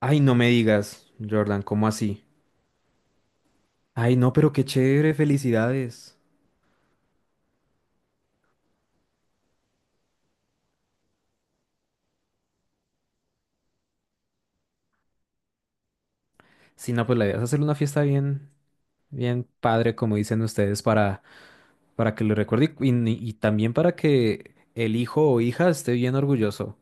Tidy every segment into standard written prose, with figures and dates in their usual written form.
Ay, no me digas, Jordan, ¿cómo así? Ay, no, pero qué chévere, felicidades. Si no, pues la idea es hacer una fiesta bien, bien padre, como dicen ustedes, para que lo recuerde y también para que el hijo o hija esté bien orgulloso.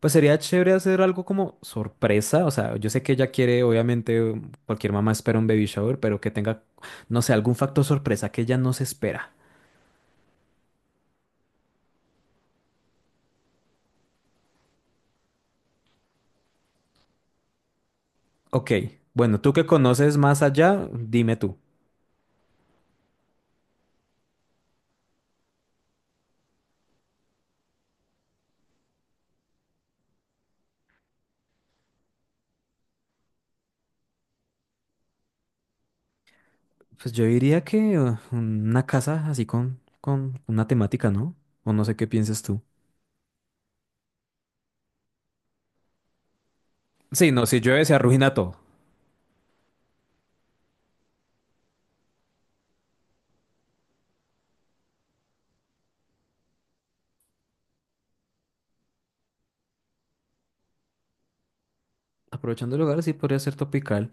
Pues sería chévere hacer algo como sorpresa, o sea, yo sé que ella quiere, obviamente, cualquier mamá espera un baby shower, pero que tenga, no sé, algún factor sorpresa que ella no se espera. Ok, bueno, tú que conoces más allá, dime tú. Pues yo diría que una casa así con una temática, ¿no? O no sé qué piensas tú. Sí, no, si llueve se arruina todo. Aprovechando el lugar, sí podría ser topical.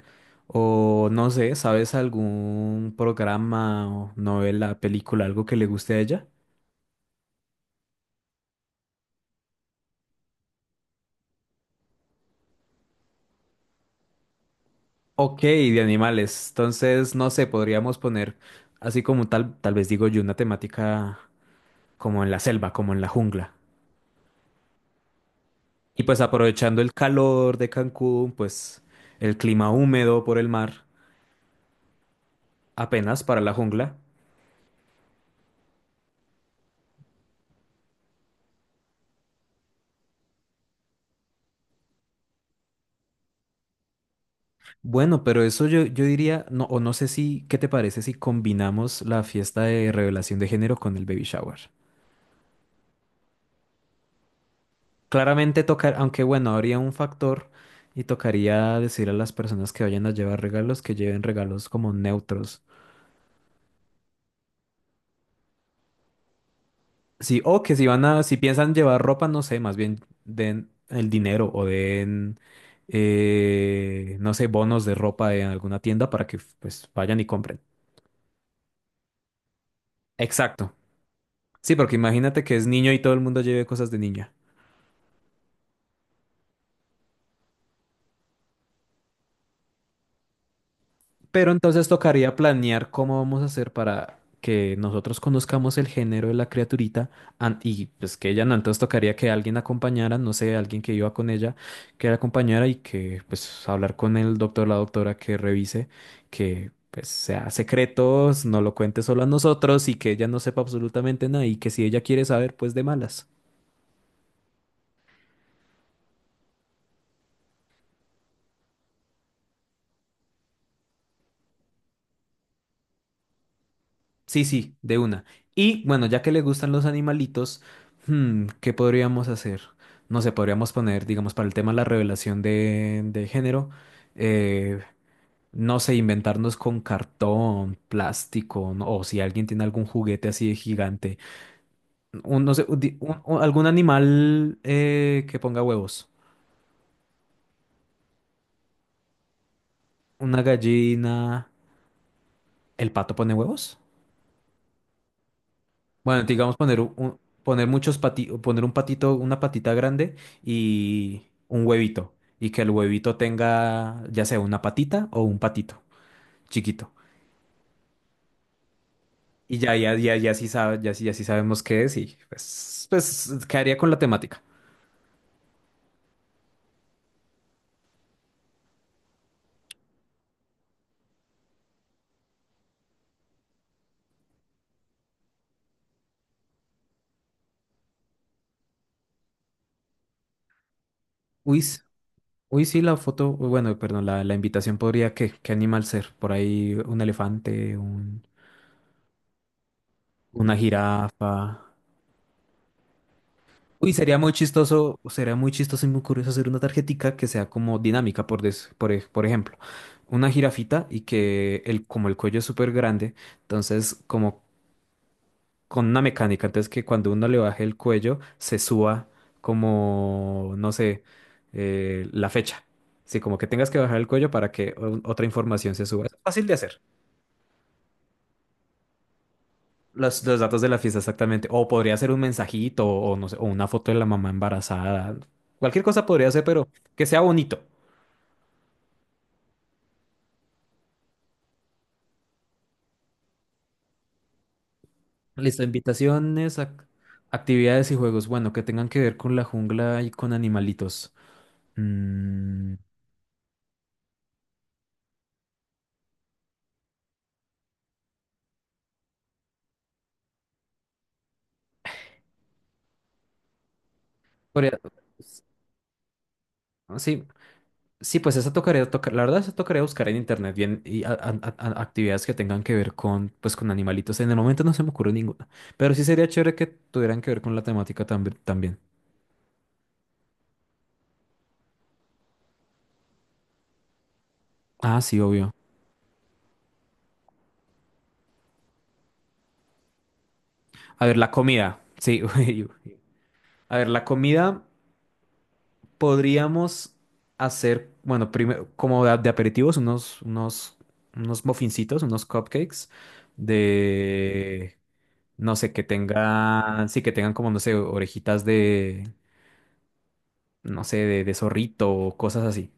O no sé, ¿sabes algún programa o novela, película, algo que le guste a ella? Ok, de animales. Entonces, no sé, podríamos poner así como tal, tal vez digo yo, una temática como en la selva, como en la jungla. Y pues aprovechando el calor de Cancún, pues el clima húmedo por el mar. Apenas para la jungla. Bueno, pero eso yo diría, no, o no sé si, ¿qué te parece si combinamos la fiesta de revelación de género con el baby shower? Claramente tocar, aunque bueno, habría un factor y tocaría decir a las personas que vayan a llevar regalos que lleven regalos como neutros. Sí, o que si van a, si piensan llevar ropa, no sé, más bien den el dinero o den, no sé, bonos de ropa en alguna tienda para que pues vayan y compren. Exacto. Sí, porque imagínate que es niño y todo el mundo lleve cosas de niña. Pero entonces tocaría planear cómo vamos a hacer para que nosotros conozcamos el género de la criaturita y pues que ella no, entonces tocaría que alguien acompañara, no sé, alguien que iba con ella, que la acompañara y que pues hablar con el doctor, la doctora que revise, que pues sea secretos, no lo cuente solo a nosotros y que ella no sepa absolutamente nada y que si ella quiere saber, pues de malas. Sí, sí, de una. Y bueno, ya que le gustan los animalitos, ¿qué podríamos hacer? No sé, podríamos poner, digamos, para el tema de la revelación de género, eh, no sé, inventarnos con cartón, plástico, o si alguien tiene algún juguete así de gigante, no sé, un di- un- algún animal que ponga huevos. Una gallina. ¿El pato pone huevos? Bueno, digamos poner poner muchos pati, poner un patito, una patita grande y un huevito. Y que el huevito tenga ya sea una patita o un patito chiquito. Y ya sí sabe, ya sí, ya sí sabemos qué es y pues, pues quedaría con la temática. Uy, s- uy, sí, la foto, uy, bueno, perdón, la invitación podría, ¿qué? ¿Qué animal ser? Por ahí un elefante, un, una jirafa. Uy, sería muy chistoso y muy curioso hacer una tarjetica que sea como dinámica, por, des- por, ej- por ejemplo, una jirafita y que el, como el cuello es súper grande, entonces como con una mecánica, entonces que cuando uno le baje el cuello se suba como, no sé, la fecha. Sí, como que tengas que bajar el cuello para que otra información se suba. Es fácil de hacer. Los datos de la fiesta, exactamente. O podría ser un mensajito, o no sé, o una foto de la mamá embarazada. Cualquier cosa podría ser, pero que sea bonito. Listo, invitaciones, actividades y juegos. Bueno, que tengan que ver con la jungla y con animalitos. Mm, podría- sí, sí, pues esa tocaría, la verdad, esa tocaría buscar en internet bien y actividades que tengan que ver con, pues, con animalitos. En el momento no se me ocurre ninguna, pero sí sería chévere que tuvieran que ver con la temática también. Ah, sí, obvio. A ver, la comida. Sí, uy, uy. A ver, la comida podríamos hacer, bueno, primero, como de aperitivos, unos muffincitos, unos cupcakes de, no sé, que tengan, sí, que tengan como, no sé, orejitas de, no sé, de zorrito o cosas así.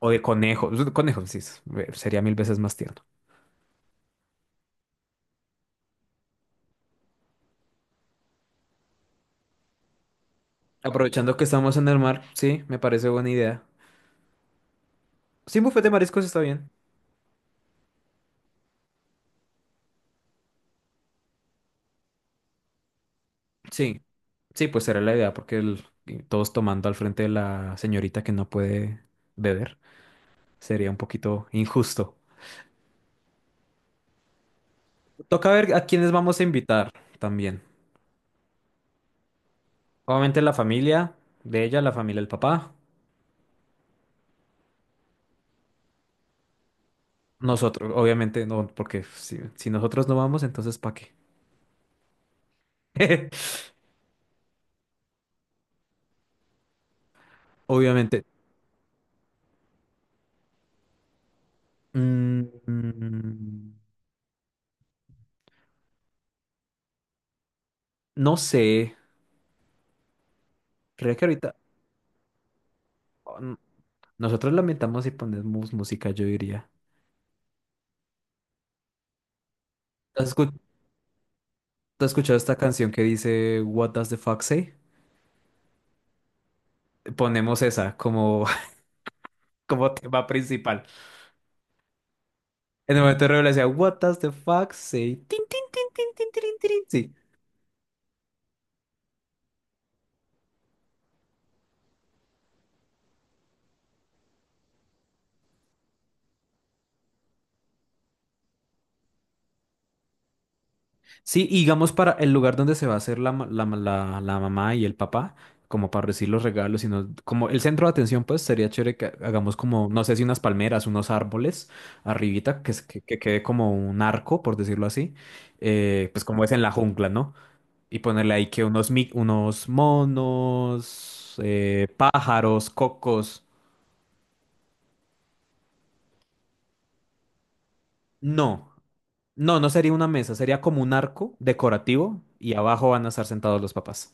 O de conejo. Pues, Conejo, sí, sería mil veces más tierno. Aprovechando que estamos en el mar, sí, me parece buena idea. Sí, un bufete de mariscos está bien. Sí. Sí, pues será la idea, porque todos tomando al frente de la señorita que no puede beber sería un poquito injusto. Toca ver a quiénes vamos a invitar también. Obviamente la familia de ella, la familia del papá. Nosotros, obviamente no, porque si, si nosotros no vamos, entonces ¿para qué? Obviamente. Mm, mm, no sé, creo que ahorita oh, n- nosotros lamentamos y ponemos música, yo diría. ¿Has escu- ¿Has escuchado esta canción que dice What does the fox say? Ponemos esa como, como tema principal. En el momento de revelación, what does the fuck say? Tin, tin, tin, tin, tirin, tirin. Sí. Sí, y digamos para el lugar donde se va a hacer la mamá y el papá, como para recibir los regalos, sino como el centro de atención, pues sería chévere que hagamos como, no sé si unas palmeras, unos árboles arribita, que, que quede como un arco, por decirlo así, pues como es en la jungla, ¿no? Y ponerle ahí que unos, unos monos, pájaros, cocos. No, no, no sería una mesa, sería como un arco decorativo y abajo van a estar sentados los papás.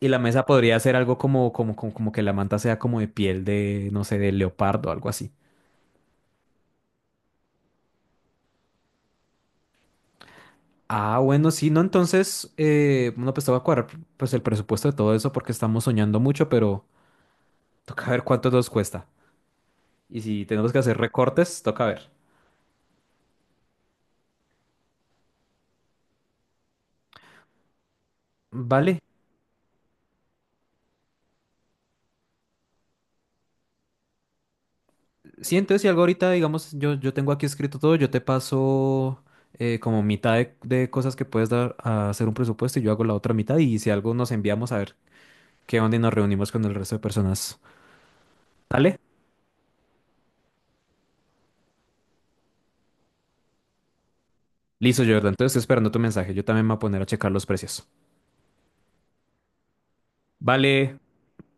Y la mesa podría ser algo como que la manta sea como de piel de, no sé, de leopardo o algo así. Ah, bueno, sí, no, entonces, bueno, pues te voy a cuadrar pues el presupuesto de todo eso porque estamos soñando mucho, pero toca ver cuánto nos cuesta. Y si tenemos que hacer recortes, toca ver. Vale, sí, entonces si algo ahorita, digamos, yo tengo aquí escrito todo, yo te paso como mitad de cosas que puedes dar a hacer un presupuesto y yo hago la otra mitad y si algo nos enviamos a ver qué onda y nos reunimos con el resto de personas. ¿Vale? Listo, Jordan. Entonces estoy esperando tu mensaje. Yo también me voy a poner a checar los precios. Vale.